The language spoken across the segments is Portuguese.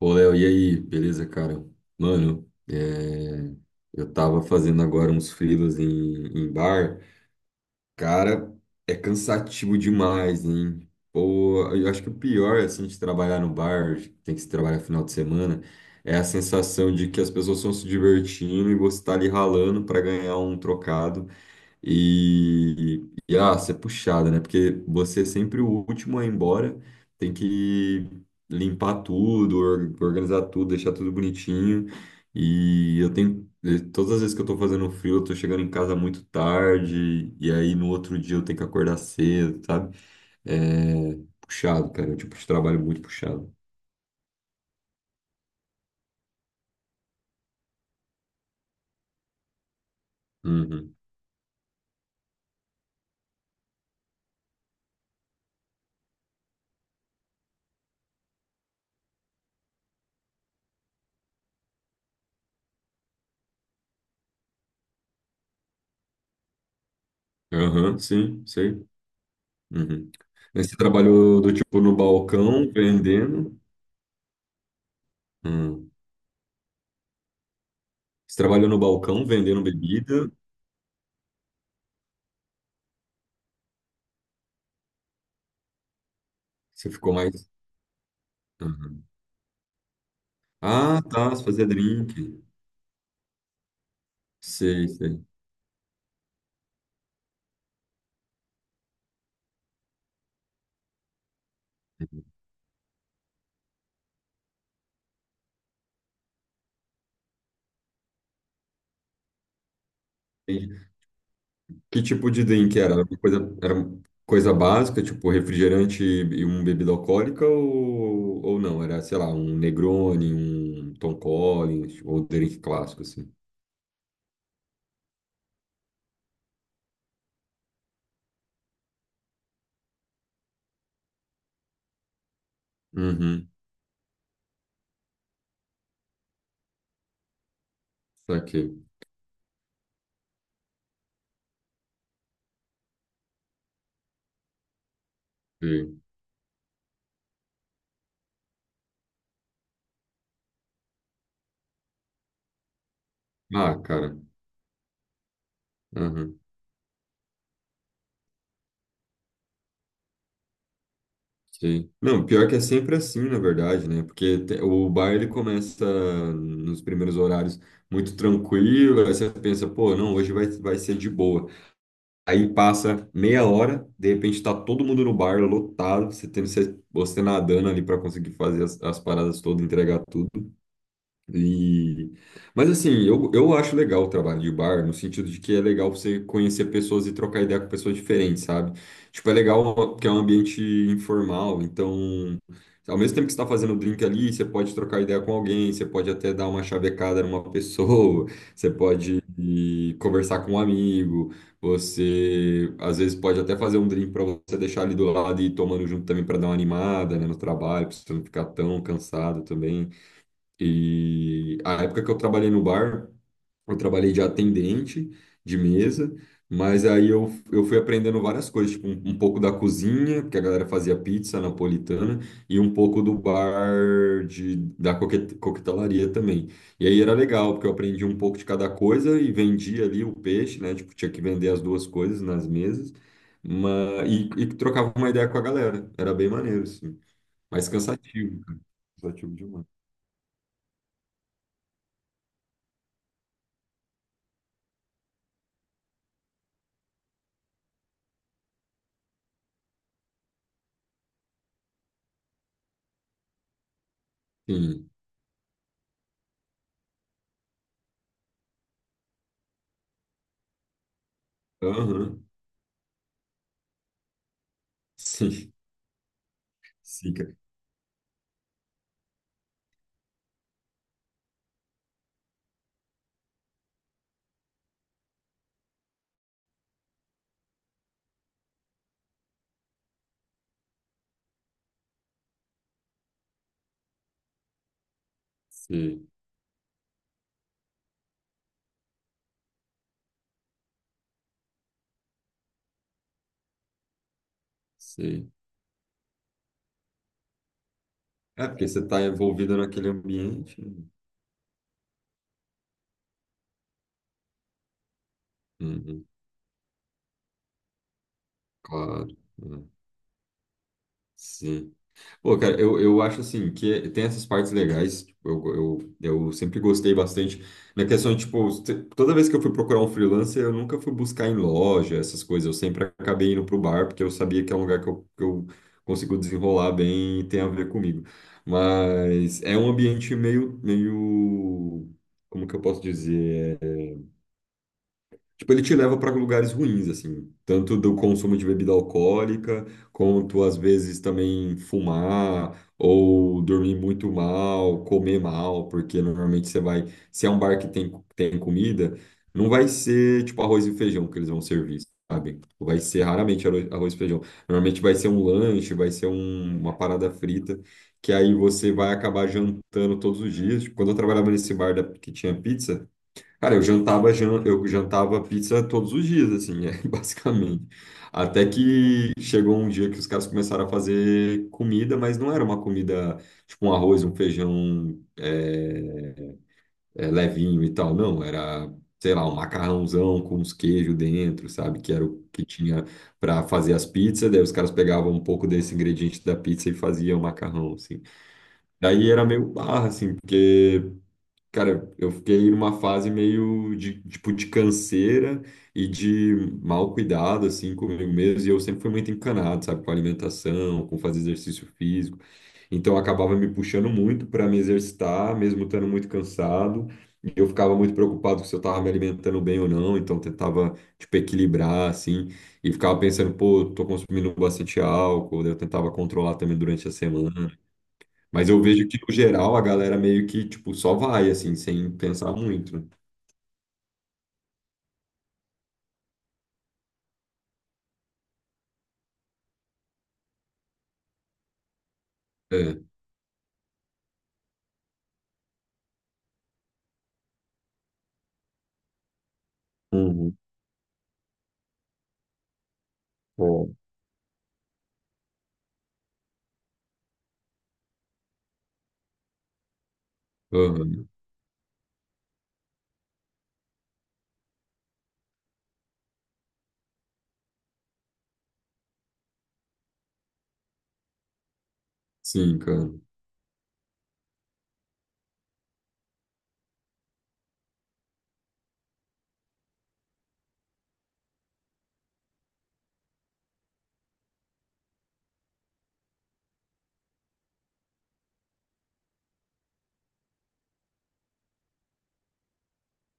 Ô, Léo, e aí? Beleza, cara? Mano, eu tava fazendo agora uns freelas em bar. Cara, é cansativo demais, hein? Pô, eu acho que o pior, assim, de trabalhar no bar, tem que se trabalhar final de semana, é a sensação de que as pessoas estão se divertindo e você tá ali ralando pra ganhar um trocado. E ser puxada, né? Porque você é sempre o último a ir embora, tem que limpar tudo, organizar tudo, deixar tudo bonitinho. E eu tenho, todas as vezes que eu tô fazendo frio, eu tô chegando em casa muito tarde, e aí no outro dia eu tenho que acordar cedo, sabe? É puxado, cara, é um tipo de trabalho muito puxado. Uhum. Aham, sim, sei. Uhum. Mas você trabalhou do tipo no balcão, vendendo? Hum. Você trabalhou no balcão vendendo bebida? Você ficou mais. Aham. Ah, tá. Você fazia drink. Sei, sei. Entendi. Que tipo de drink era? Era uma coisa básica, tipo refrigerante e uma bebida alcoólica, ou não? Era, sei lá, um Negroni, um Tom Collins, ou drink clássico, assim. Uhum. Saquei. Sei. Ah, cara. Aham. Sei. Não, pior que é sempre assim, na verdade, né? Porque o bar ele começa nos primeiros horários muito tranquilo, aí você pensa, pô, não, hoje vai, vai ser de boa. Aí passa meia hora, de repente tá todo mundo no bar lotado, você tendo você nadando ali para conseguir fazer as paradas todas, entregar tudo. E... Mas assim, eu acho legal o trabalho de bar, no sentido de que é legal você conhecer pessoas e trocar ideia com pessoas diferentes, sabe? Tipo, é legal porque é um ambiente informal, então, ao mesmo tempo que você está fazendo o drink ali, você pode trocar ideia com alguém, você pode até dar uma chavecada numa pessoa, você pode ir conversar com um amigo, você às vezes pode até fazer um drink para você deixar ali do lado e ir tomando junto também para dar uma animada, né, no trabalho, para você não ficar tão cansado também. E a época que eu trabalhei no bar, eu trabalhei de atendente de mesa, mas aí eu fui aprendendo várias coisas, tipo um pouco da cozinha, porque a galera fazia pizza napolitana, e um pouco do bar da coquetelaria também. E aí era legal, porque eu aprendi um pouco de cada coisa e vendia ali o peixe, né? Tipo, tinha que vender as duas coisas nas mesas, mas trocava uma ideia com a galera. Era bem maneiro, assim. Mas cansativo, cansativo demais. Sim. Aham. Sim, sim, cara. Sim, sim. É, porque você está envolvido naquele ambiente. Uhum, claro. Uhum, sim. Pô, cara, eu acho assim que tem essas partes legais. Tipo, eu sempre gostei bastante. Na questão de, tipo, toda vez que eu fui procurar um freelancer, eu nunca fui buscar em loja, essas coisas. Eu sempre acabei indo pro bar, porque eu sabia que é um lugar que que eu consigo desenrolar bem e tem a ver comigo. Mas é um ambiente meio, como que eu posso dizer? Tipo, ele te leva para lugares ruins, assim, tanto do consumo de bebida alcoólica, quanto às vezes também fumar ou dormir muito mal, comer mal, porque normalmente você vai, se é um bar que tem comida, não vai ser tipo arroz e feijão que eles vão servir, sabe? Vai ser raramente arroz e feijão. Normalmente vai ser um lanche, vai ser uma parada frita, que aí você vai acabar jantando todos os dias. Tipo, quando eu trabalhava nesse bar que tinha pizza, cara, eu eu jantava pizza todos os dias, assim, é, basicamente. Até que chegou um dia que os caras começaram a fazer comida, mas não era uma comida tipo um arroz, um feijão levinho e tal, não. Era, sei lá, um macarrãozão com uns queijos dentro, sabe? Que era o que tinha para fazer as pizzas. Daí os caras pegavam um pouco desse ingrediente da pizza e faziam macarrão, assim. Daí era meio barra, assim, porque. Cara, eu fiquei numa fase meio de, tipo, de canseira e de mau cuidado, assim, comigo mesmo. E eu sempre fui muito encanado, sabe, com alimentação, com fazer exercício físico. Então, eu acabava me puxando muito para me exercitar, mesmo estando muito cansado. E eu ficava muito preocupado se eu estava me alimentando bem ou não. Então, eu tentava, tipo, equilibrar, assim. E ficava pensando, pô, eu tô consumindo bastante álcool. Daí eu tentava controlar também durante a semana. Mas eu vejo que, no geral, a galera meio que, tipo, só vai, assim, sem pensar muito, né? É. Uhum. É. Aham. Sim, cara.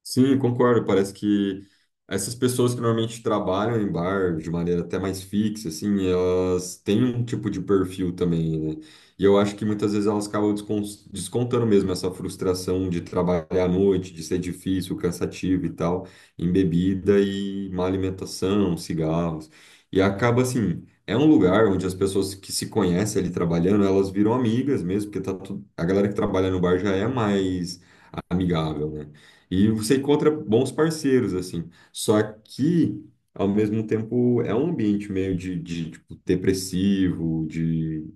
Sim, concordo. Parece que essas pessoas que normalmente trabalham em bar de maneira até mais fixa, assim, elas têm um tipo de perfil também, né? E eu acho que muitas vezes elas acabam descontando mesmo essa frustração de trabalhar à noite, de ser difícil, cansativo e tal, em bebida e má alimentação, cigarros. E acaba assim, é um lugar onde as pessoas que se conhecem ali trabalhando, elas viram amigas mesmo, porque tá tudo... a galera que trabalha no bar já é mais amigável, né? E você encontra bons parceiros, assim. Só que, ao mesmo tempo, é um ambiente meio de, tipo, depressivo, de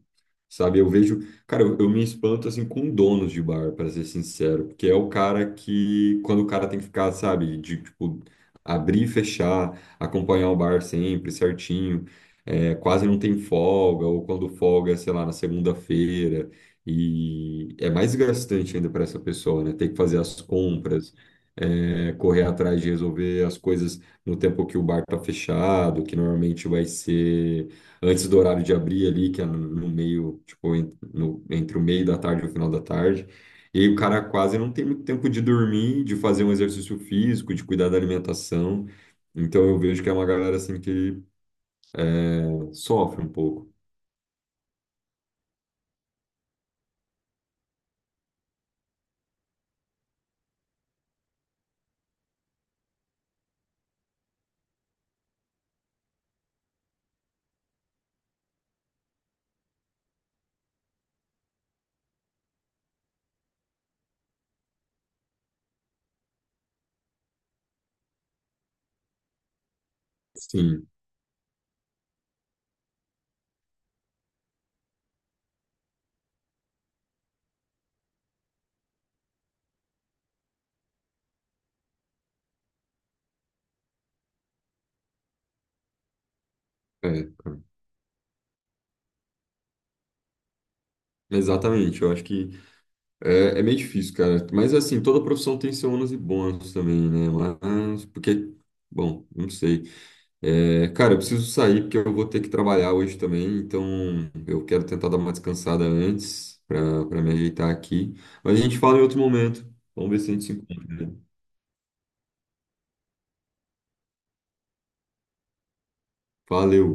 sabe, eu vejo, cara, eu me espanto assim com donos de bar, para ser sincero, porque é o cara que, quando o cara tem que ficar, sabe, de tipo, abrir e fechar, acompanhar o bar sempre certinho, é, quase não tem folga, ou quando folga, é, sei lá, na segunda-feira, e é mais desgastante ainda para essa pessoa, né? Ter que fazer as compras, é, correr atrás de resolver as coisas no tempo que o bar tá fechado, que normalmente vai ser antes do horário de abrir ali, que é no meio, tipo, entre o meio da tarde e o final da tarde. E aí o cara quase não tem muito tempo de dormir, de fazer um exercício físico, de cuidar da alimentação. Então eu vejo que é uma galera assim que pô, sofre um pouco. Sim. É, cara. Exatamente, eu acho que é meio difícil, cara. Mas assim, toda profissão tem seus ônus e bônus também, né? Mas, porque, bom, não sei. É, cara, eu preciso sair porque eu vou ter que trabalhar hoje também, então eu quero tentar dar uma descansada antes para me ajeitar aqui. Mas a gente fala em outro momento. Vamos ver se a gente se encontra, né? Valeu.